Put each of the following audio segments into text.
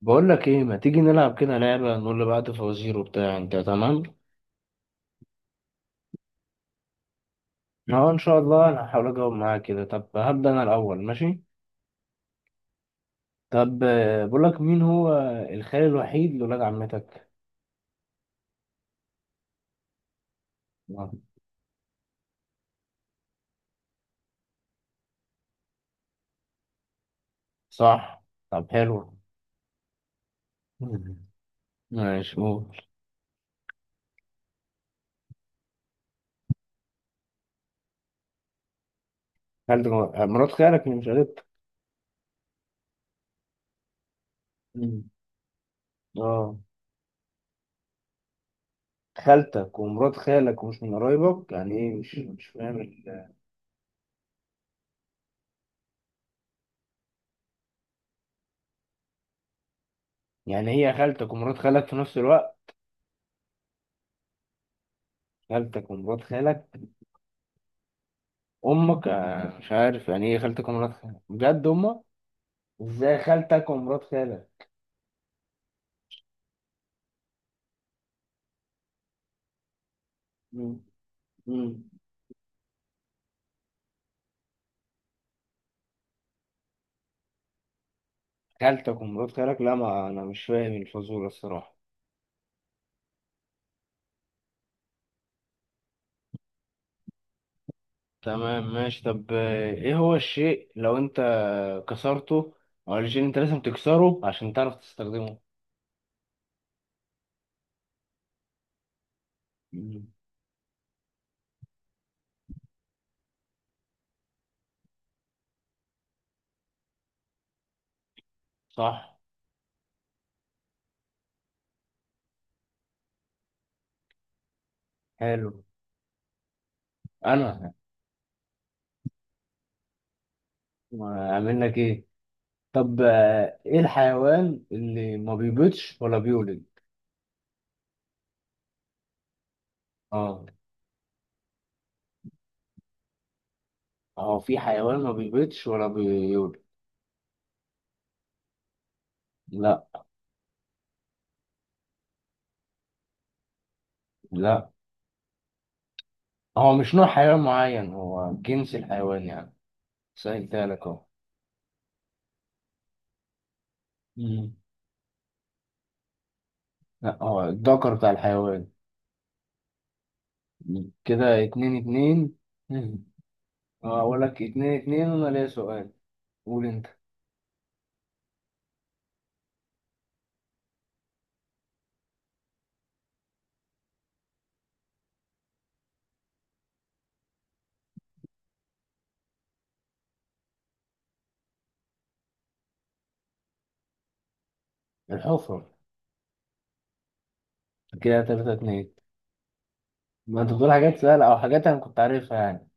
بقول لك ايه، ما تيجي نلعب كده لعبة، نقول لبعض فوازير وبتاع انت. تمام اه، ان شاء الله انا هحاول اجاوب معاك كده. طب هبدأ انا الاول ماشي. طب، بقول لك مين هو الخال الوحيد لولاد عمتك. آه، صح. طب حلو. مم. ماشي قول. خالتك مرات خالك اللي مش قريبتك. مم. اه، خالتك ومرات خالك ومش من قرايبك؟ يعني ايه، مش فاهم يعني هي خالتك ومرات خالك في نفس الوقت؟ خالتك ومرات خالك امك؟ مش عارف يعني ايه خالتك ومرات خالك، بجد امك؟ ازاي خالتك ومرات خالك. مم. مم. خالتك ومرات خالك؟ لا، ما انا مش فاهم الفزورة الصراحة. تمام ماشي. طب، ايه هو الشيء لو انت كسرته او الشيء انت لازم تكسره عشان تعرف تستخدمه؟ مم. صح. حلو. انا ما اعمل لك ايه؟ طب، ايه الحيوان اللي ما بيبيضش ولا بيولد؟ اه، هو في حيوان ما بيبيضش ولا بيولد. لا. لا هو مش نوع حيوان معين، هو جنس الحيوان يعني، سهلتها لك اهو. مم. لا هو الذكر بتاع الحيوان. كده 2-2. مم. اه، اقول لك 2-2 وانا ليا سؤال. قول انت. الحفرة. كده 3-2. ما انت بتقول حاجات سهلة او حاجات انا كنت عارفها يعني.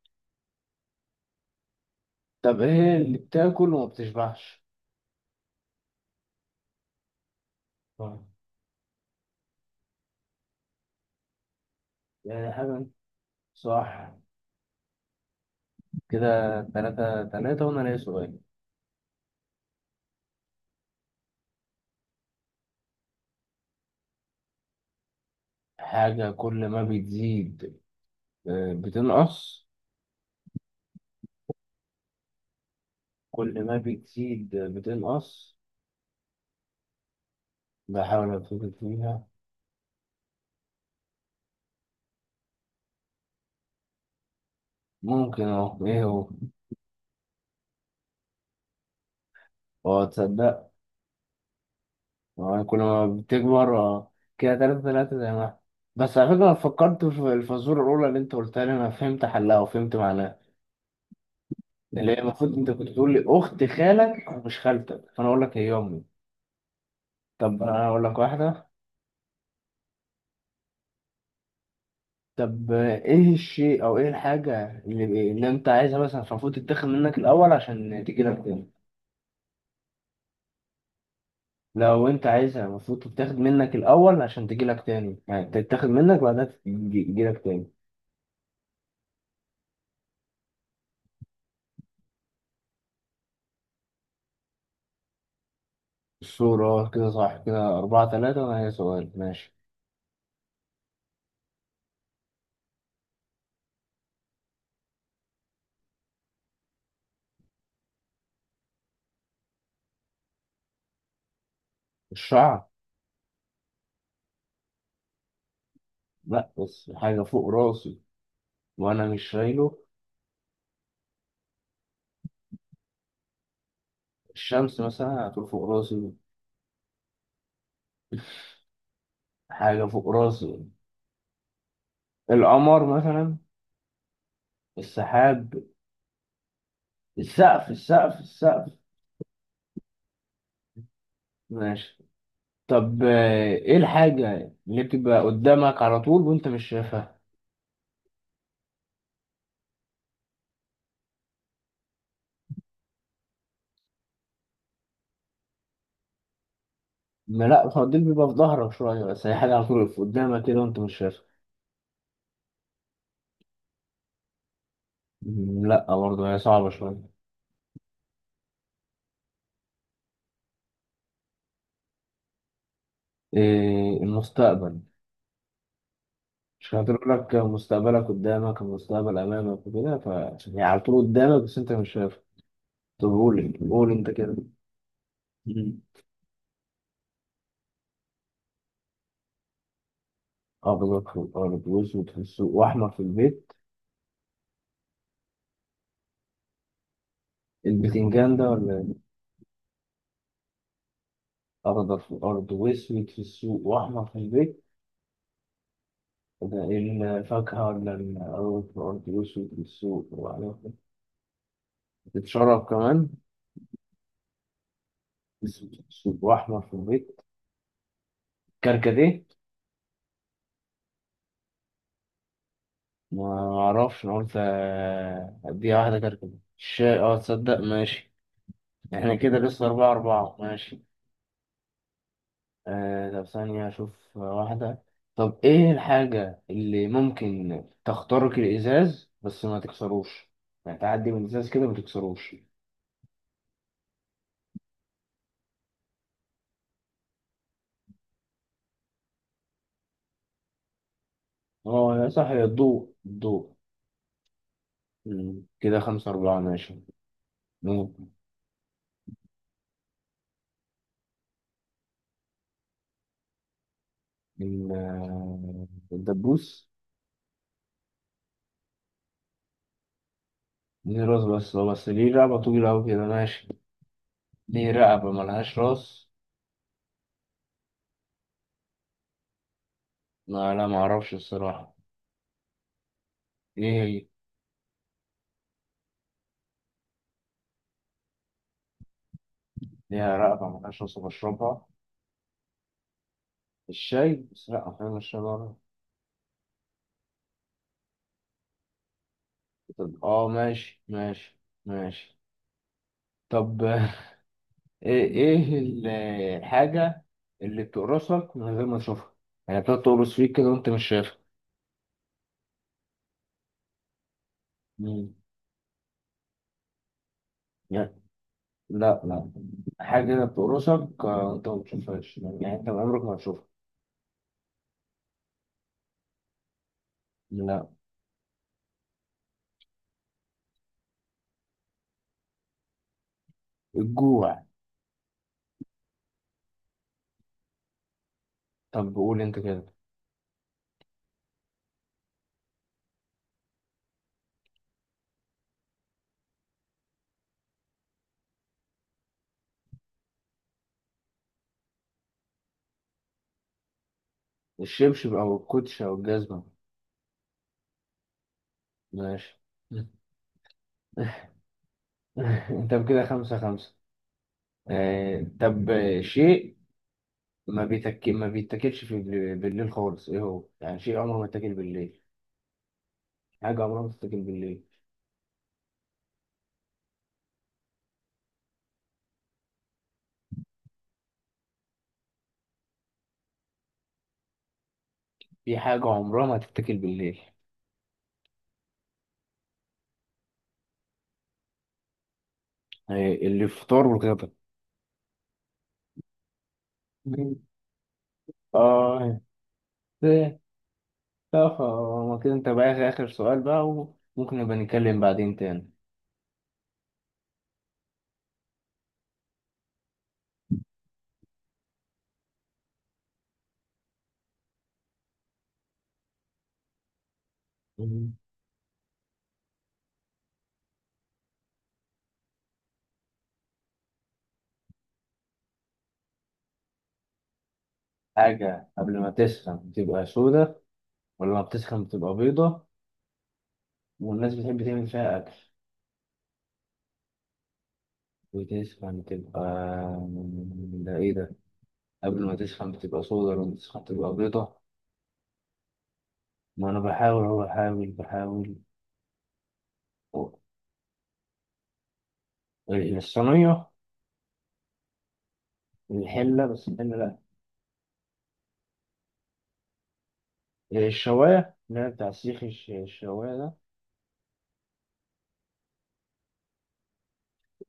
طب ايه اللي بتاكل وما بتشبعش؟ طيب. يعني حاجة. صح. كده 3-3 وانا ليا سؤال. حاجة كل ما بتزيد، اه، بتنقص. كل ما بتزيد بتنقص. بحاول أفتكر فيها. ممكن أهو، إيه هو؟ أه تصدق. أه، كل ما بتكبر أه. كده تلاتة تلاتة زي ما إحنا. بس على فكرة، أنا فكرت في الفازورة الأولى اللي أنت قلتها لي، أنا فهمت حلها وفهمت معناها. اللي هي المفروض أنت كنت تقول لي أخت خالك ومش خالتك، فأنا أقول لك هي أمي. طب أنا أقول لك واحدة. طب إيه الشيء أو إيه الحاجة اللي أنت عايزها مثلا، فالمفروض تتاخد منك الأول عشان تجيلك تاني. لو انت عايزها، المفروض تتاخد منك الاول عشان تجيلك تاني، يعني تتاخد منك بعدها تجيلك تاني. الصورة؟ كده صح. كده 4-3 وأنا هي سؤال ماشي. الشعر. لأ بس حاجة فوق راسي وأنا مش شايله. الشمس مثلا هتقول فوق راسي. حاجة فوق راسي. القمر مثلا. السحاب. السقف السقف السقف. ماشي. طب، ايه الحاجة اللي بتبقى قدامك على طول وانت مش شايفها؟ ما لا، الخناديل بيبقى في ظهرك شوية، بس هي حاجة على طول في قدامك كده وأنت مش شايفها. لا برضه، هي صعبة شوية. إيه، المستقبل؟ مش هتقول لك مستقبلك قدامك، المستقبل أمامك وكده، فهي على طول قدامك بس أنت مش شايفها. طب قول، قول أنت كده. مم. أخضر في الأرض وأسود في السوق وأحمر في البيت. البتنجان ده ولا إيه؟ أخضر في الأرض وأسود في السوق وأحمر في البيت. ده إيه؟ الفاكهة ولا الأرض، في الأرض وأسود في السوق وأحمر في البيت؟ بتشرب كمان. اسود أسود واحمر في البيت. كركديه. ما اعرفش، انا قلت اديها واحده كركديه الشاي، اه تصدق. ماشي، احنا كده لسه 4-4. ماشي، آه، طب ثانية اشوف واحدة. طب ايه الحاجة اللي ممكن تخترق الازاز بس ما تكسروش؟ يعني تعدي من الازاز كده ما تكسروش. اه يا صح، يا الضوء، الضوء. كده 5-4 ماشي. ممكن. الدبوس. دي راس بس، هو بس ليه رقبة طويلة أوي كده ماشي. ليه رقبة ملهاش راس؟ ما لا، معرفش الصراحة. إيه هي؟ ليها رقبة ملهاش راس وبشربها. الشاي، بس لأ أحيانا الشاي مرة. طب آه، ماشي ماشي ماشي. طب إيه، إيه الحاجة اللي بتقرصك من غير ما تشوفها؟ يعني بتقعد تقرص فيك كده وأنت مش شايفها. مم. لا. لا لا. حاجة كده بتقرصك، أنت ما بتشوفهاش، يعني أنت عمرك ما هتشوفها. لا. الجوع. طب قول أنت كده. الشبشب أو الكوتش أو الجزمة. ماشي طب كده 5-5. آه، طب، شيء ما بيتك ما بيتاكلش في بالليل خالص، إيه هو؟ يعني شيء عمره ما يتاكل بالليل. حاجة عمرها ما تتاكل بالليل. في حاجة عمرها ما تتاكل بالليل. آه، الفطار والغدا. مم. آه ده- طب، ما كده أنت بقى آخر، آخر سؤال بقى. وممكن نبقى نتكلم بعدين تاني. مم. حاجة قبل ما تسخن بتبقى سودة ولا ما بتسخن بتبقى بيضة، والناس بتحب تعمل فيها أكل وتسخن تبقى. ده إيه ده؟ قبل ما تسخن بتبقى صودا، لما تسخن تبقى بيضة. ما أنا بحاول أهو، بحاول بحاول. الصينية. الحلة، بس الحلة. لأ الشواية اللي هي بتاع السيخ، الشواية ده.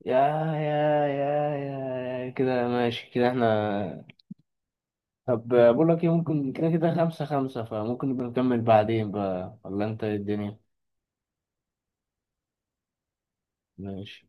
يا يا يا يا يا، كده ماشي، كده احنا. طب بقول لك ايه، ممكن كده، كده 5-5، فممكن نبقى نكمل بعدين بقى، ولا انت إيه الدنيا؟ ماشي